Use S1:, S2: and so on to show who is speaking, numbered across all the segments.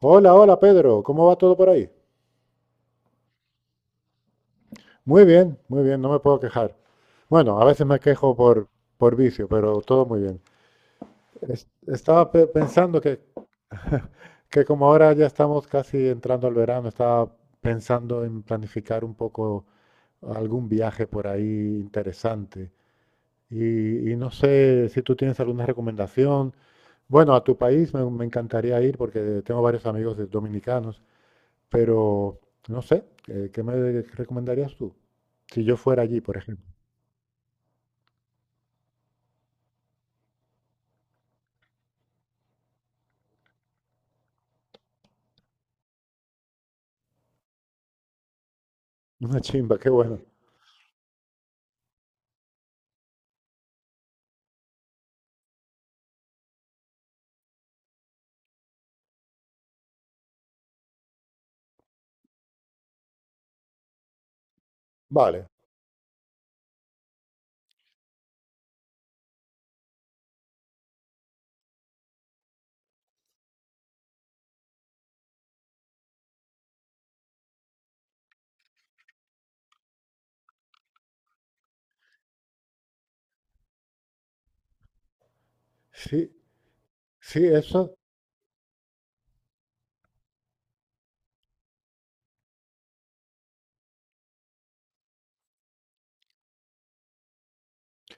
S1: Hola, hola Pedro, ¿cómo va todo por ahí? Muy bien, no me puedo quejar. Bueno, a veces me quejo por vicio, pero todo muy bien. Estaba pensando que como ahora ya estamos casi entrando al verano, estaba pensando en planificar un poco algún viaje por ahí interesante. Y no sé si tú tienes alguna recomendación. Bueno, a tu país me encantaría ir porque tengo varios amigos dominicanos. Pero no sé, ¿qué me recomendarías tú? Si yo fuera allí, por ejemplo. Una chimba, qué bueno. Vale. Sí, sí, eso.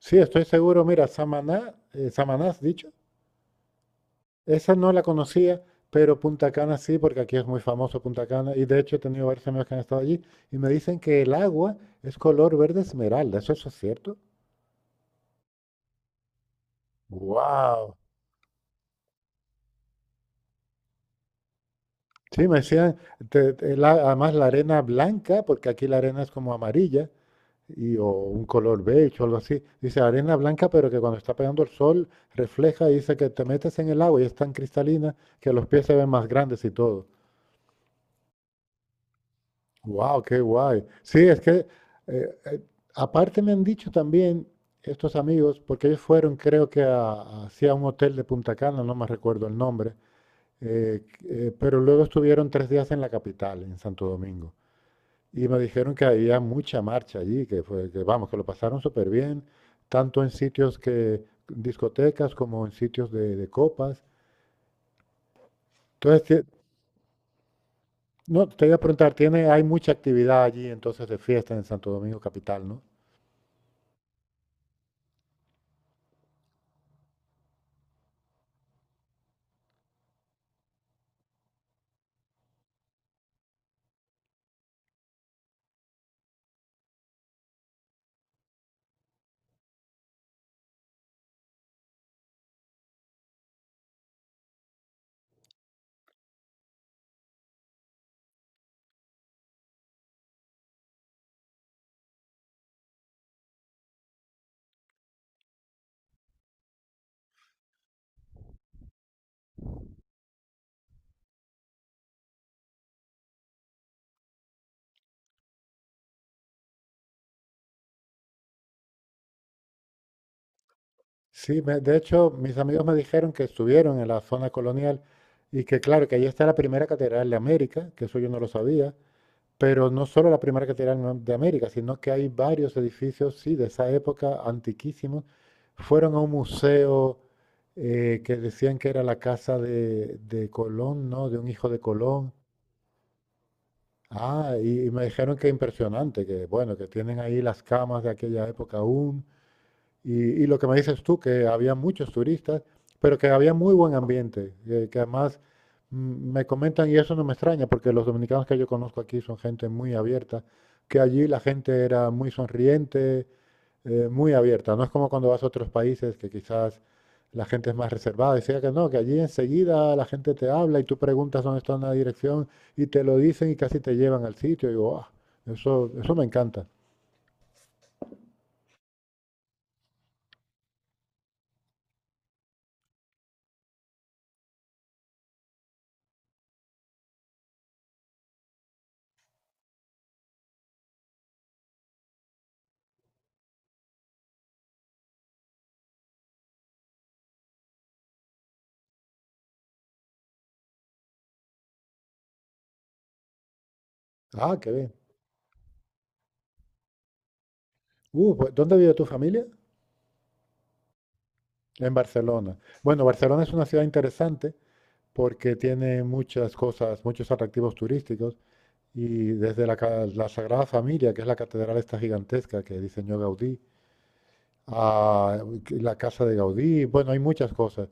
S1: Sí, estoy seguro. Mira, Samaná, Samaná has dicho. Esa no la conocía, pero Punta Cana sí, porque aquí es muy famoso Punta Cana. Y de hecho he tenido varios amigos que han estado allí y me dicen que el agua es color verde esmeralda. ¿Eso, eso es cierto? ¡Wow! Sí, me decían, además la arena blanca, porque aquí la arena es como amarilla. Y, o un color beige o algo así. Dice arena blanca, pero que cuando está pegando el sol refleja y dice que te metes en el agua y es tan cristalina que los pies se ven más grandes y todo. ¡Wow! ¡Qué guay! Sí, es que eh, eh, aparte me han dicho también estos amigos, porque ellos fueron creo que a, hacia un hotel de Punta Cana, no me recuerdo el nombre, eh, pero luego estuvieron tres días en la capital, en Santo Domingo. Y me dijeron que había mucha marcha allí, que fue, que vamos, que lo pasaron súper bien, tanto en sitios discotecas como en sitios de copas. Entonces, no, te iba a preguntar, tiene, hay mucha actividad allí entonces de fiesta en Santo Domingo Capital, ¿no? Sí, de hecho, mis amigos me dijeron que estuvieron en la zona colonial y que claro, que allí está la primera catedral de América, que eso yo no lo sabía. Pero no solo la primera catedral de América, sino que hay varios edificios, sí, de esa época, antiquísimos. Fueron a un museo que decían que era la casa de Colón, ¿no? De un hijo de Colón. Ah, y me dijeron que impresionante, que bueno, que tienen ahí las camas de aquella época aún. Y, y lo que me dices tú, que había muchos turistas, pero que había muy buen ambiente, que además mm, me comentan, y eso no me extraña, porque los dominicanos que yo conozco aquí son gente muy abierta, que allí la gente era muy sonriente, muy abierta. No es como cuando vas a otros países que quizás la gente es más reservada. Decía que no, que allí enseguida la gente te habla y tú preguntas dónde está una dirección y te lo dicen y casi te llevan al sitio. Y digo, ah, eso me encanta. Ah, qué bien. Pues, ¿dónde vive tu familia? En Barcelona. Bueno, Barcelona es una ciudad interesante porque tiene muchas cosas, muchos atractivos turísticos y desde la Sagrada Familia, que es la catedral esta gigantesca que diseñó Gaudí, a la casa de Gaudí, bueno, hay muchas cosas.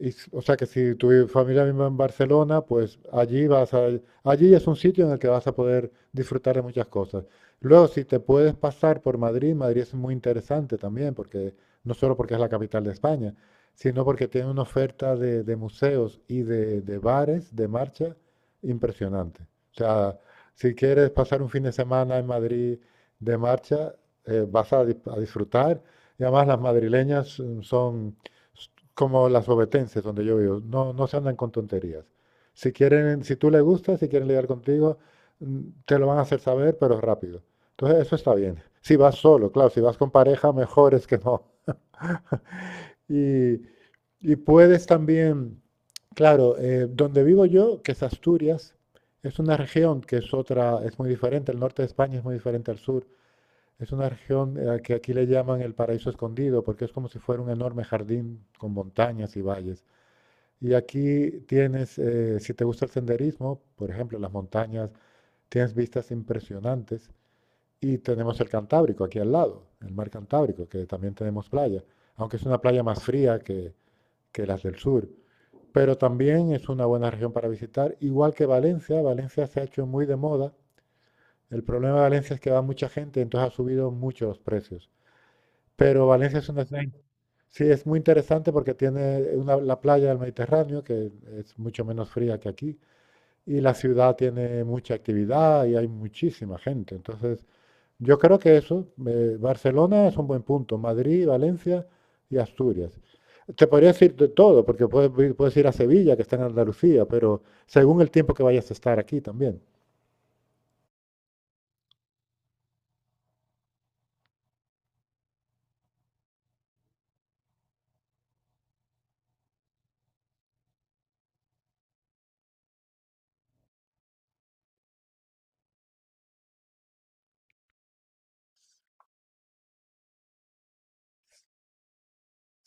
S1: Y o sea que si tu familia vive en Barcelona, pues allí es un sitio en el que vas a poder disfrutar de muchas cosas. Luego, si te puedes pasar por Madrid, Madrid es muy interesante también, porque no solo porque es la capital de España, sino porque tiene una oferta de museos y de bares de marcha impresionante. O sea, si quieres pasar un fin de semana en Madrid de marcha, vas a, a disfrutar. Y además las madrileñas son s- como las obetenses donde yo vivo, no, no se andan con tonterías. Si quieren, si tú le gustas, si quieren lidiar contigo, mm, te lo van a hacer saber, pero rápido. Entonces, eso está bien. Si vas solo, claro, si vas con pareja, mejor es que no. Y, y puedes también, claro, donde vivo yo, que es Asturias, es una región que es otra, es muy diferente, el norte de España es muy diferente al sur. Es una región que aquí le llaman el paraíso escondido, porque es como si fuera un enorme jardín con montañas y valles. Y aquí tienes, si te gusta el senderismo, por ejemplo, las montañas, tienes vistas impresionantes. Y tenemos el Cantábrico aquí al lado, el mar Cantábrico, que también tenemos playa, aunque es una playa más fría que las del sur. Pero también es una buena región para visitar, igual que Valencia. Valencia se ha hecho muy de moda. El problema de Valencia es que va mucha gente, entonces ha subido mucho los precios. Pero Valencia es una ciudad. Sí, es muy interesante porque tiene la playa del Mediterráneo, que es mucho menos fría que aquí, y la ciudad tiene mucha actividad y hay muchísima gente. Entonces, yo creo que eso, Barcelona es un buen punto, Madrid, Valencia y Asturias. Te podría decir de todo, porque puedes, puedes ir a Sevilla, que está en Andalucía, pero según el tiempo que vayas a estar aquí también.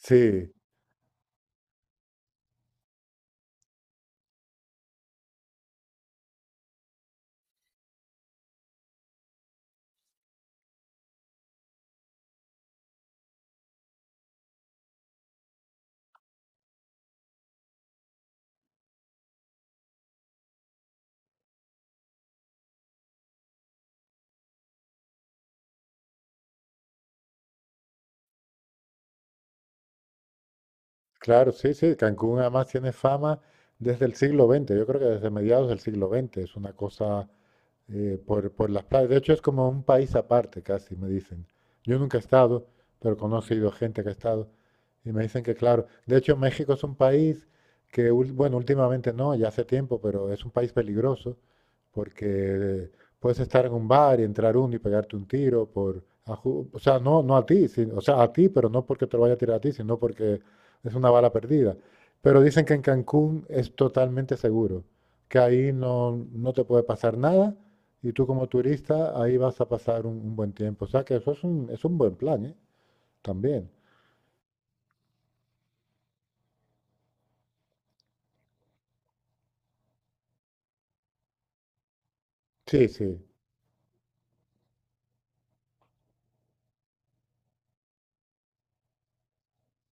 S1: Sí, claro, sí, sí. Cancún además tiene fama desde el siglo XX. Yo creo que desde mediados del siglo XX es una cosa por las playas. De hecho, es como un país aparte casi, me dicen. Yo nunca he estado, pero he conocido gente que ha estado y me dicen que, claro, de hecho, México es un país que, bueno, últimamente no, ya hace tiempo, pero es un país peligroso porque puedes estar en un bar y entrar uno y pegarte un tiro por, o sea, no, no a ti, o sea, a ti, pero no porque te lo vaya a tirar a ti, sino porque es una bala perdida. Pero dicen que en Cancún es totalmente seguro, que ahí no, no te puede pasar nada y tú como turista ahí vas a pasar un buen tiempo. O sea que eso es es un buen plan, ¿eh? También. Sí, sí.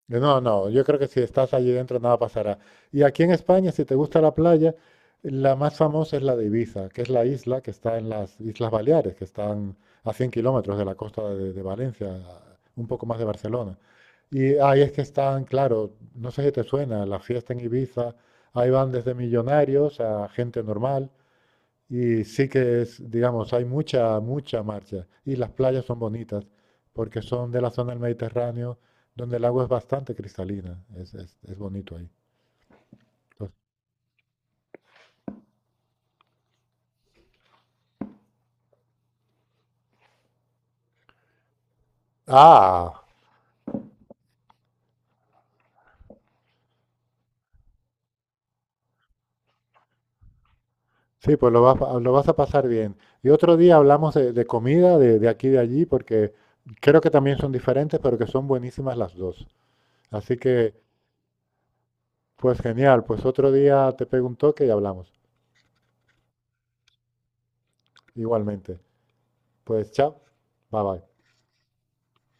S1: No, no, yo creo que si estás allí dentro nada pasará. Y aquí en España, si te gusta la playa, la más famosa es la de Ibiza, que es la isla que está en las Islas Baleares, que están a 100 kilómetros de la costa de Valencia, un poco más de Barcelona. Y ahí es que están, claro, no sé si te suena, la fiesta en Ibiza, ahí van desde millonarios a gente normal. Y sí que es, digamos, hay mucha marcha. Y las playas son bonitas porque son de la zona del Mediterráneo donde el agua es bastante cristalina. Es bonito ahí. Entonces- ah, sí, pues lo vas a pasar bien. Y otro día hablamos de comida de aquí y de allí porque creo que también son diferentes, pero que son buenísimas las dos. Así que, pues genial. Pues otro día te pego un toque y hablamos. Igualmente. Pues chao. Bye bye.